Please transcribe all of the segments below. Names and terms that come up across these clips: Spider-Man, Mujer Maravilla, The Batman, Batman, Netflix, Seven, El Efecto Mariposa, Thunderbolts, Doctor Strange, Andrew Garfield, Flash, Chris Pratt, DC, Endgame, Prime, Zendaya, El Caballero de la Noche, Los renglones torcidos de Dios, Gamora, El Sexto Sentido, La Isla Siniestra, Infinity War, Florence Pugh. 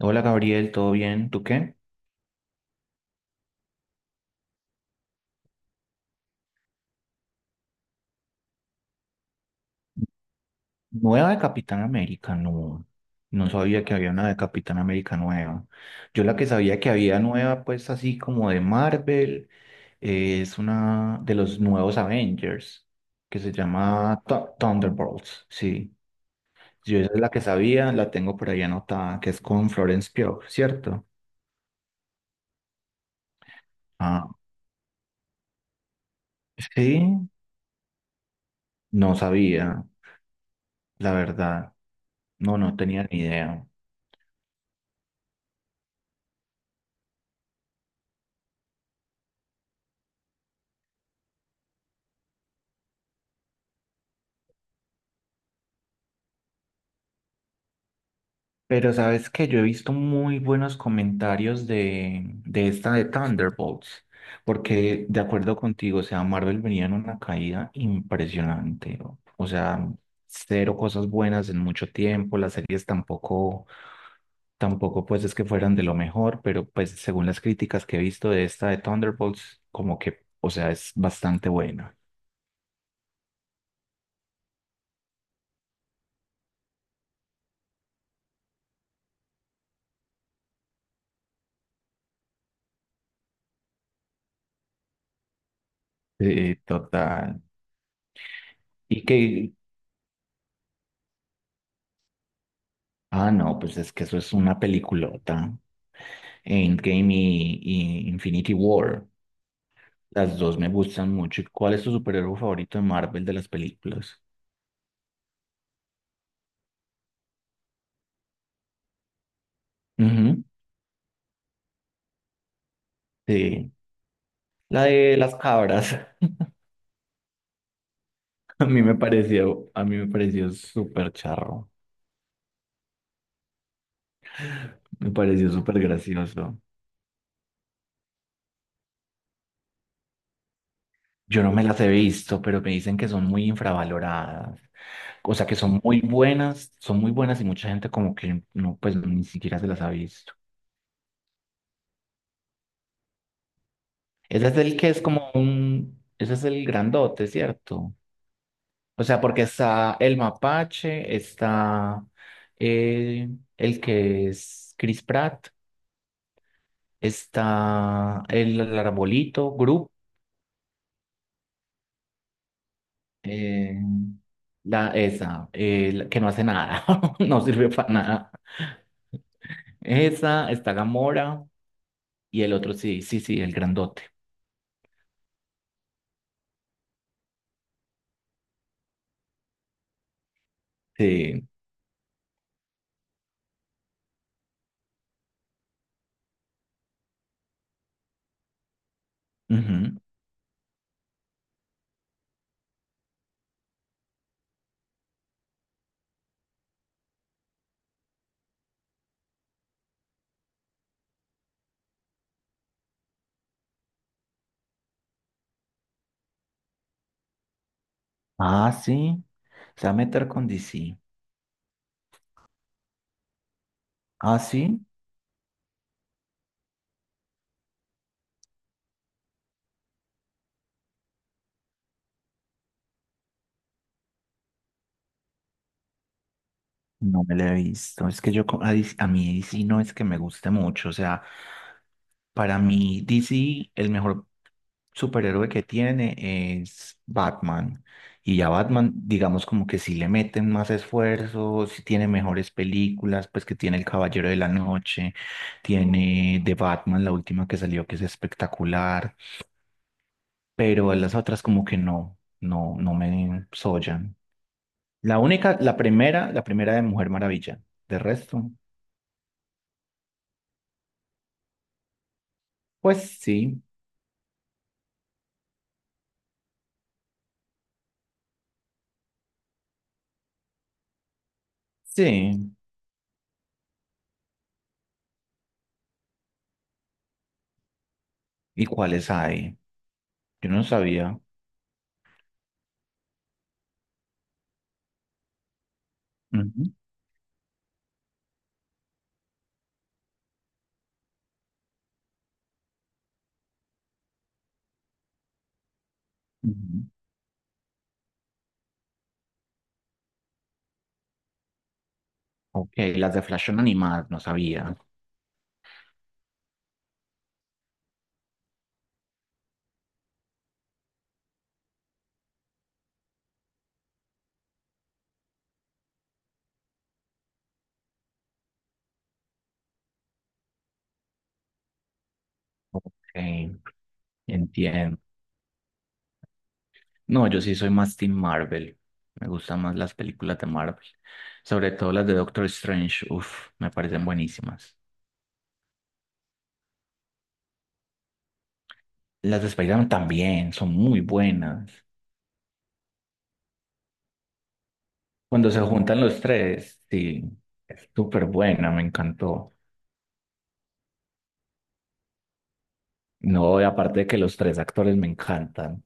Hola Gabriel, ¿todo bien? ¿Tú qué? Nueva de Capitán América, no. No sabía que había una de Capitán América nueva. Yo la que sabía que había nueva, pues así como de Marvel, es una de los nuevos Avengers, que se llama Thunderbolts, sí. Yo esa es la que sabía, la tengo por ahí anotada, que es con Florence Pugh, ¿cierto? Ah, sí, no sabía, la verdad. No, no tenía ni idea. Pero sabes que yo he visto muy buenos comentarios de esta de Thunderbolts, porque de acuerdo contigo, o sea, Marvel venía en una caída impresionante, o sea, cero cosas buenas en mucho tiempo, las series tampoco, tampoco pues es que fueran de lo mejor, pero pues según las críticas que he visto de esta de Thunderbolts, como que, o sea, es bastante buena. Sí, total. Y que, ah, no, pues es que eso es una peliculota. Endgame y Infinity War. Las dos me gustan mucho. ¿Cuál es tu superhéroe favorito de Marvel de las películas? Ujú. Sí, la de las cabras. A mí me pareció, a mí me pareció súper charro. Me pareció súper gracioso. Yo no me las he visto, pero me dicen que son muy infravaloradas. O sea, que son muy buenas y mucha gente como que no, pues ni siquiera se las ha visto. Ese es el que es como un, ese es el grandote, ¿cierto? O sea, porque está el mapache, está eh, el que es Chris Pratt, está el arbolito, Group, eh, la, esa, la que no hace nada, no sirve para nada. Esa, está Gamora y el otro sí, sí, sí, el grandote. Sí. Ujú. Ah, sí, se va a meter con DC. Ah, sí. No me la he visto. Es que yo a, a mí DC no es que me guste mucho. O sea, para mí DC el mejor superhéroe que tiene es Batman. Y ya Batman, digamos como que si le meten más esfuerzo, si tiene mejores películas, pues que tiene El Caballero de la Noche, tiene The Batman, la última que salió, que es espectacular, pero las otras como que no, no, no me sollan. La única, la primera de Mujer Maravilla. De resto. Pues sí, sí. ¿Y cuáles hay? Yo no sabía. Ujú, ujú. Ok, las de Flash son animadas, no sabía. Ok, entiendo. No, yo sí soy más Team Marvel. Me gustan más las películas de Marvel. Sobre todo las de Doctor Strange. Uf, me parecen buenísimas. Las de Spider-Man también son muy buenas. Cuando se juntan los tres, sí, es súper buena, me encantó. No, y aparte de que los tres actores me encantan.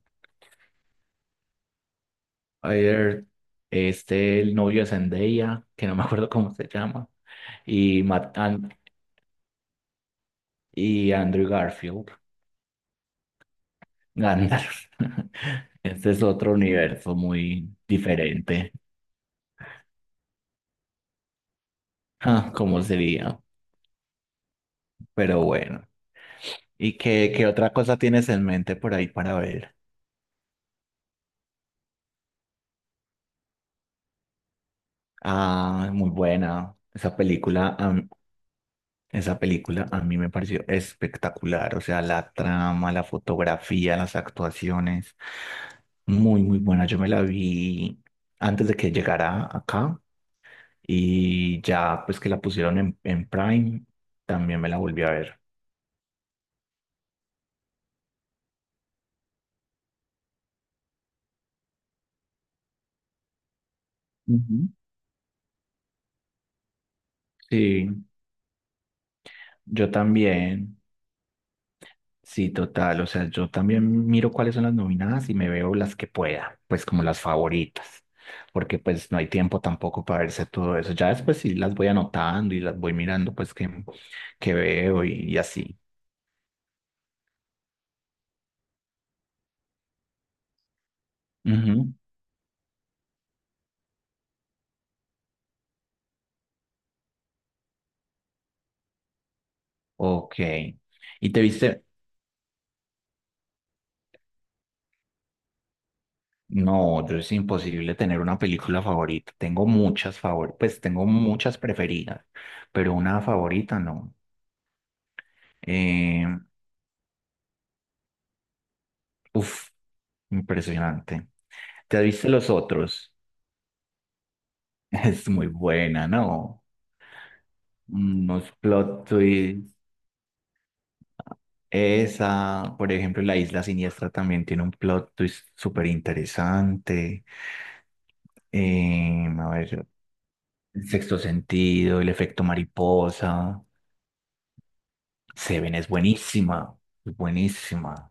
Ayer, este, el novio de Zendaya, que no me acuerdo cómo se llama, y, Matt, An- y Andrew Garfield, Gandalf. Este es otro universo muy diferente. Ah, ¿cómo sería? Pero bueno. ¿Y qué, qué otra cosa tienes en mente por ahí para ver? Ah, muy buena. Esa película esa película a mí me pareció espectacular, o sea, la trama, la fotografía, las actuaciones, muy, muy buena. Yo me la vi antes de que llegara acá y ya pues que la pusieron en Prime, también me la volví a ver. Ujú. Sí, yo también. Sí, total. O sea, yo también miro cuáles son las nominadas y me veo las que pueda, pues como las favoritas, porque pues no hay tiempo tampoco para verse todo eso. Ya después sí las voy anotando y las voy mirando, pues que veo y así. Ujú. Ok. ¿Y te viste? No, yo es imposible tener una película favorita. Tengo muchas favoritas, pues tengo muchas preferidas, pero una favorita no. Eh, uf, impresionante. ¿Te viste los otros? Es muy buena, ¿no? Unos plot twists. Esa, por ejemplo, La Isla Siniestra también tiene un plot twist súper interesante. A ver, El Sexto Sentido, El Efecto Mariposa. Seven es buenísima, es buenísima.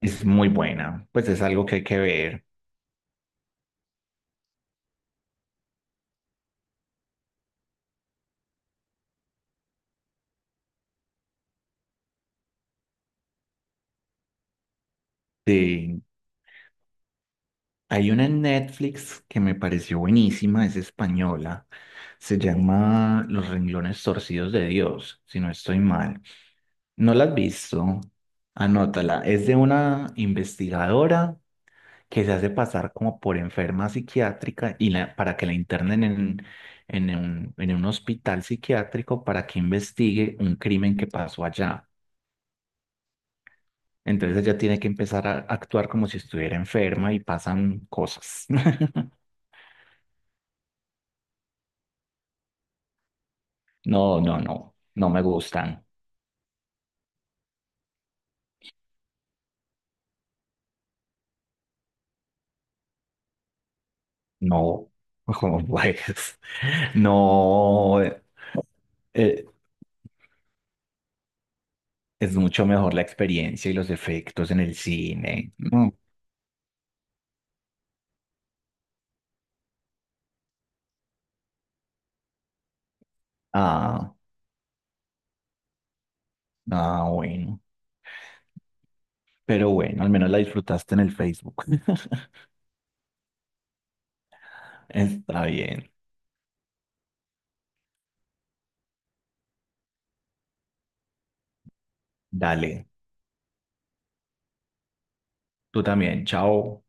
Es muy buena. Pues es algo que hay que ver. Sí. Hay una en Netflix que me pareció buenísima, es española. Se llama Los renglones torcidos de Dios, si no estoy mal. ¿No la has visto? Anótala. Es de una investigadora que se hace pasar como por enferma psiquiátrica y para que la internen en un hospital psiquiátrico para que investigue un crimen que pasó allá. Entonces ella tiene que empezar a actuar como si estuviera enferma y pasan cosas. No, no, no, no me gustan. No, como pues, no, eh, es mucho mejor la experiencia y los efectos en el cine. Mm. Ah, ah, bueno. Pero bueno, al menos la disfrutaste en el Facebook. Está bien. Dale, tú también. Chao.